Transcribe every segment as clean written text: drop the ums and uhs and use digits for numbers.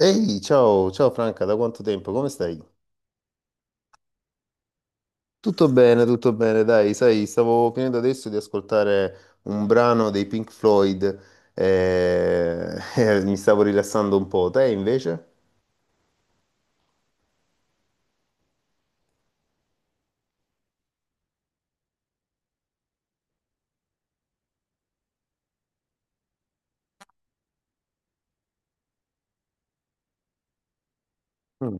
Ehi, ciao, ciao Franca, da quanto tempo? Come stai? Tutto bene, dai, sai, stavo finendo adesso di ascoltare un brano dei Pink Floyd e mi stavo rilassando un po'. Te invece? Mm.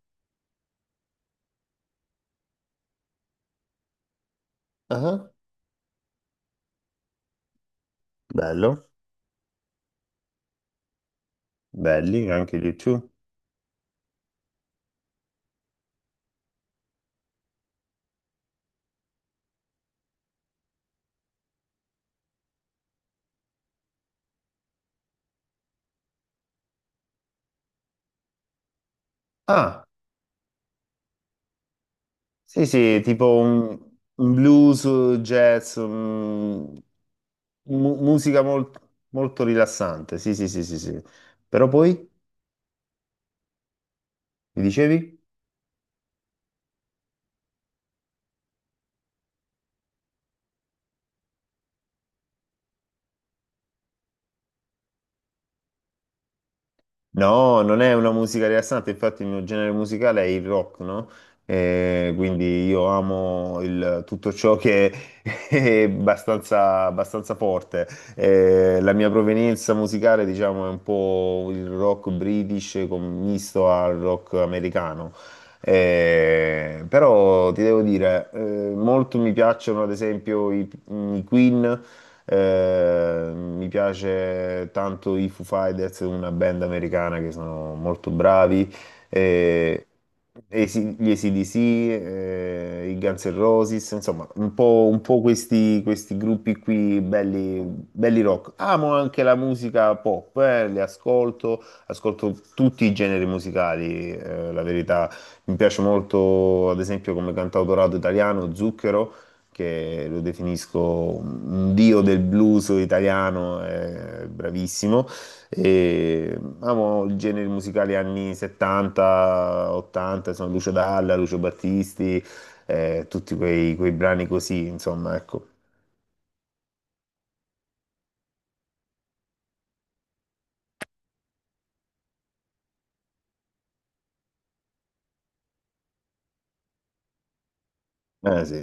Ah, bello, belli, anche gli YouTube. Ah, sì, sì, tipo un blues, jazz, mu- musica mol- molto rilassante, sì, sì, sì, sì, sì. Però poi, mi dicevi? No, non è una musica rilassante, infatti il mio genere musicale è il rock, no? Quindi io amo tutto ciò che è abbastanza, abbastanza forte. La mia provenienza musicale, diciamo, è un po' il rock british misto al rock americano. Però ti devo dire, molto mi piacciono ad esempio i Queen, mi piace tanto i Foo Fighters, una band americana che sono molto bravi. Eh, gli AC/DC, i Guns N' Roses, insomma, un po', questi gruppi qui belli, belli rock. Amo anche la musica pop, le ascolto, ascolto tutti i generi musicali, la verità. Mi piace molto, ad esempio, come cantautorato italiano, Zucchero, che lo definisco un dio del blues italiano, è bravissimo. E amo il genere musicale anni 70, 80, sono Lucio Dalla, Lucio Battisti, tutti quei brani così, insomma, ecco. Eh sì.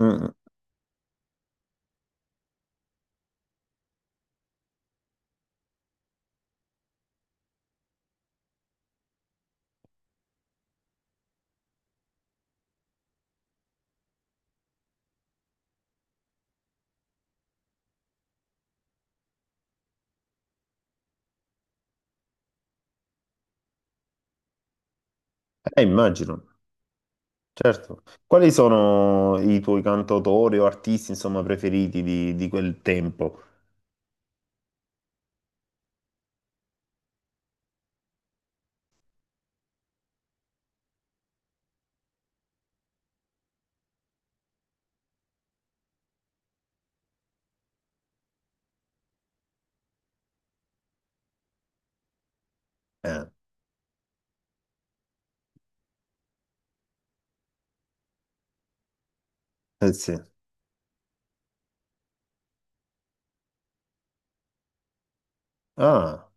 Mm, mm. Immagino, certo. Quali sono i tuoi cantautori o artisti, insomma, preferiti di quel tempo? Eh, eh sì. Ah,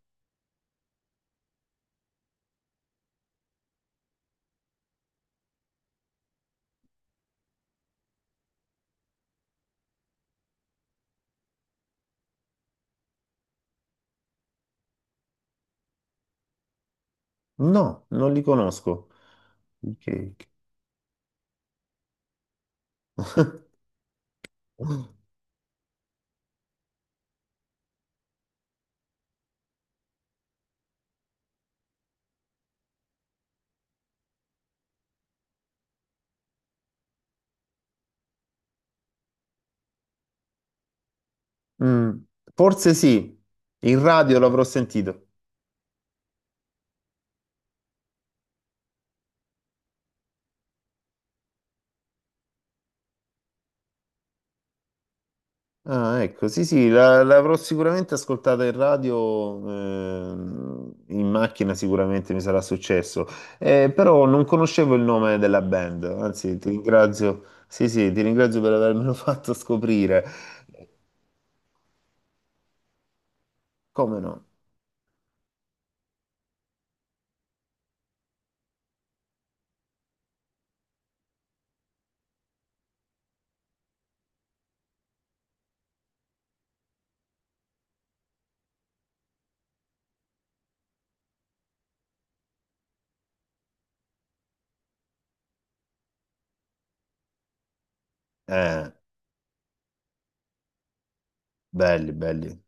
no, non li conosco. Ok. Mm, forse sì, in radio l'avrò sentito. Ah, ecco, sì, sì, l'avrò sicuramente ascoltata in radio, in macchina sicuramente mi sarà successo. Però non conoscevo il nome della band, anzi ti ringrazio, sì, sì, ti ringrazio per avermelo fatto scoprire. Come no? Eh, belli, belli.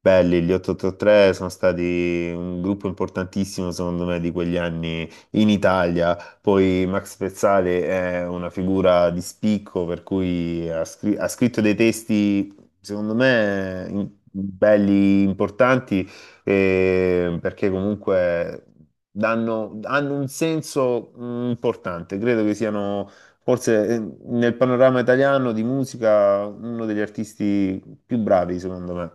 Belli, gli 883 sono stati un gruppo importantissimo secondo me di quegli anni in Italia. Poi Max Pezzale è una figura di spicco per cui ha scritto dei testi secondo me belli, importanti, perché comunque hanno un senso, mm, importante. Credo che siano forse, nel panorama italiano di musica uno degli artisti più bravi secondo me.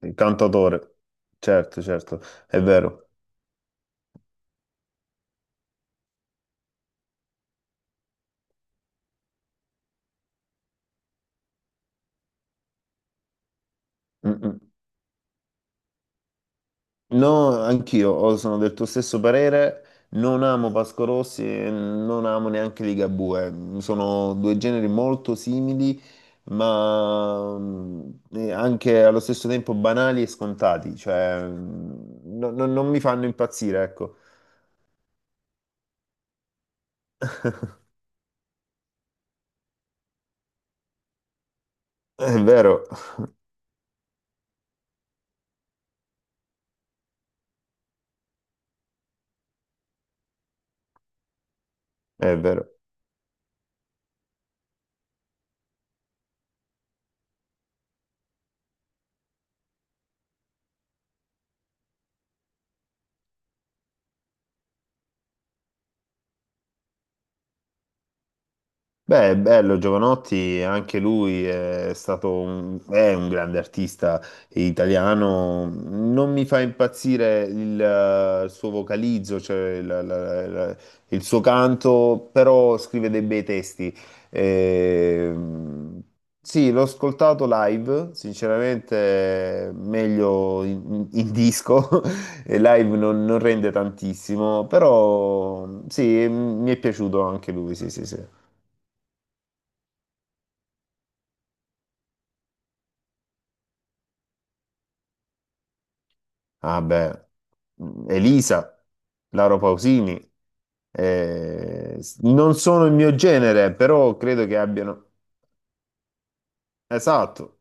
Il cantautore, certo, certo, è vero. Mm, mm. No, anch'io, oh, sono del tuo stesso parere. Non amo Vasco Rossi e non amo neanche Ligabue. Sono due generi molto simili, ma mm, anche allo stesso tempo banali e scontati. Cioè, mm, non mi fanno impazzire, ecco. È vero, è vero. Beh, è bello, Giovanotti, anche lui è un grande artista italiano. Non mi fa impazzire il suo vocalizzo, cioè il suo canto, però scrive dei bei testi. Ehm, sì, l'ho ascoltato live, sinceramente meglio in, in disco, e live non, non rende tantissimo, però sì, mi è piaciuto anche lui, sì, sì, sì. Ah beh, mm, Elisa, Lauro Pausini, non sono il mio genere, però credo che abbiano... Esatto.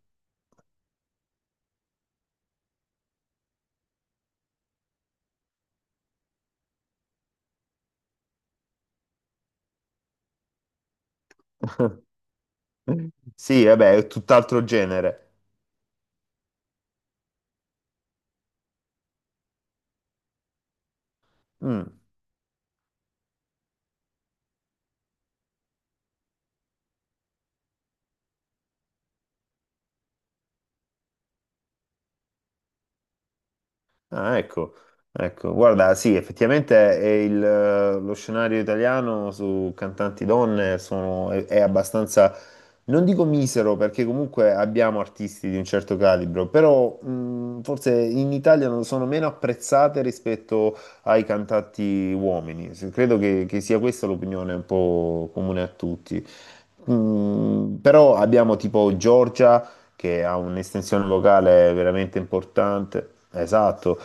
Sì, vabbè, è tutt'altro genere. Mm. Ah, ecco, ecco, guarda, sì, effettivamente è lo scenario italiano su cantanti donne è abbastanza, non dico misero, perché comunque abbiamo artisti di un certo calibro, però forse in Italia non sono meno apprezzate rispetto ai cantanti uomini. Credo che sia questa l'opinione un po' comune a tutti. Mm, però abbiamo tipo Giorgia, che ha un'estensione vocale veramente importante. Esatto.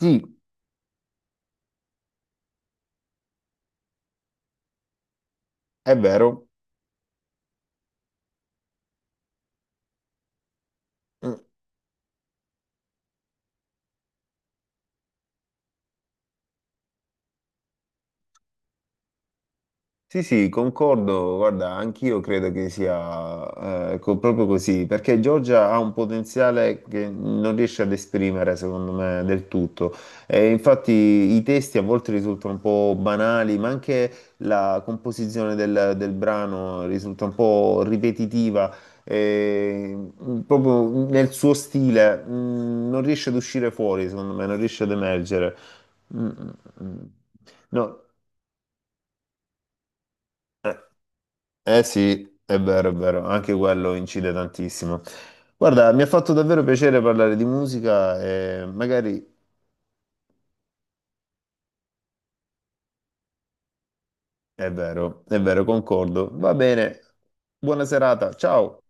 Sì, è vero. Sì, sì, concordo, guarda, anch'io credo che sia proprio così, perché Giorgia ha un potenziale che non riesce ad esprimere, secondo me, del tutto. E infatti i testi a volte risultano un po' banali, ma anche la composizione del brano risulta un po' ripetitiva, e, proprio nel suo stile, non riesce ad uscire fuori, secondo me, non riesce ad emergere. Mm, mm, mm. No. Eh. Eh sì, è vero, anche quello incide tantissimo. Guarda, mi ha fatto davvero piacere parlare di musica e magari è vero, concordo. Va bene, buona serata, ciao.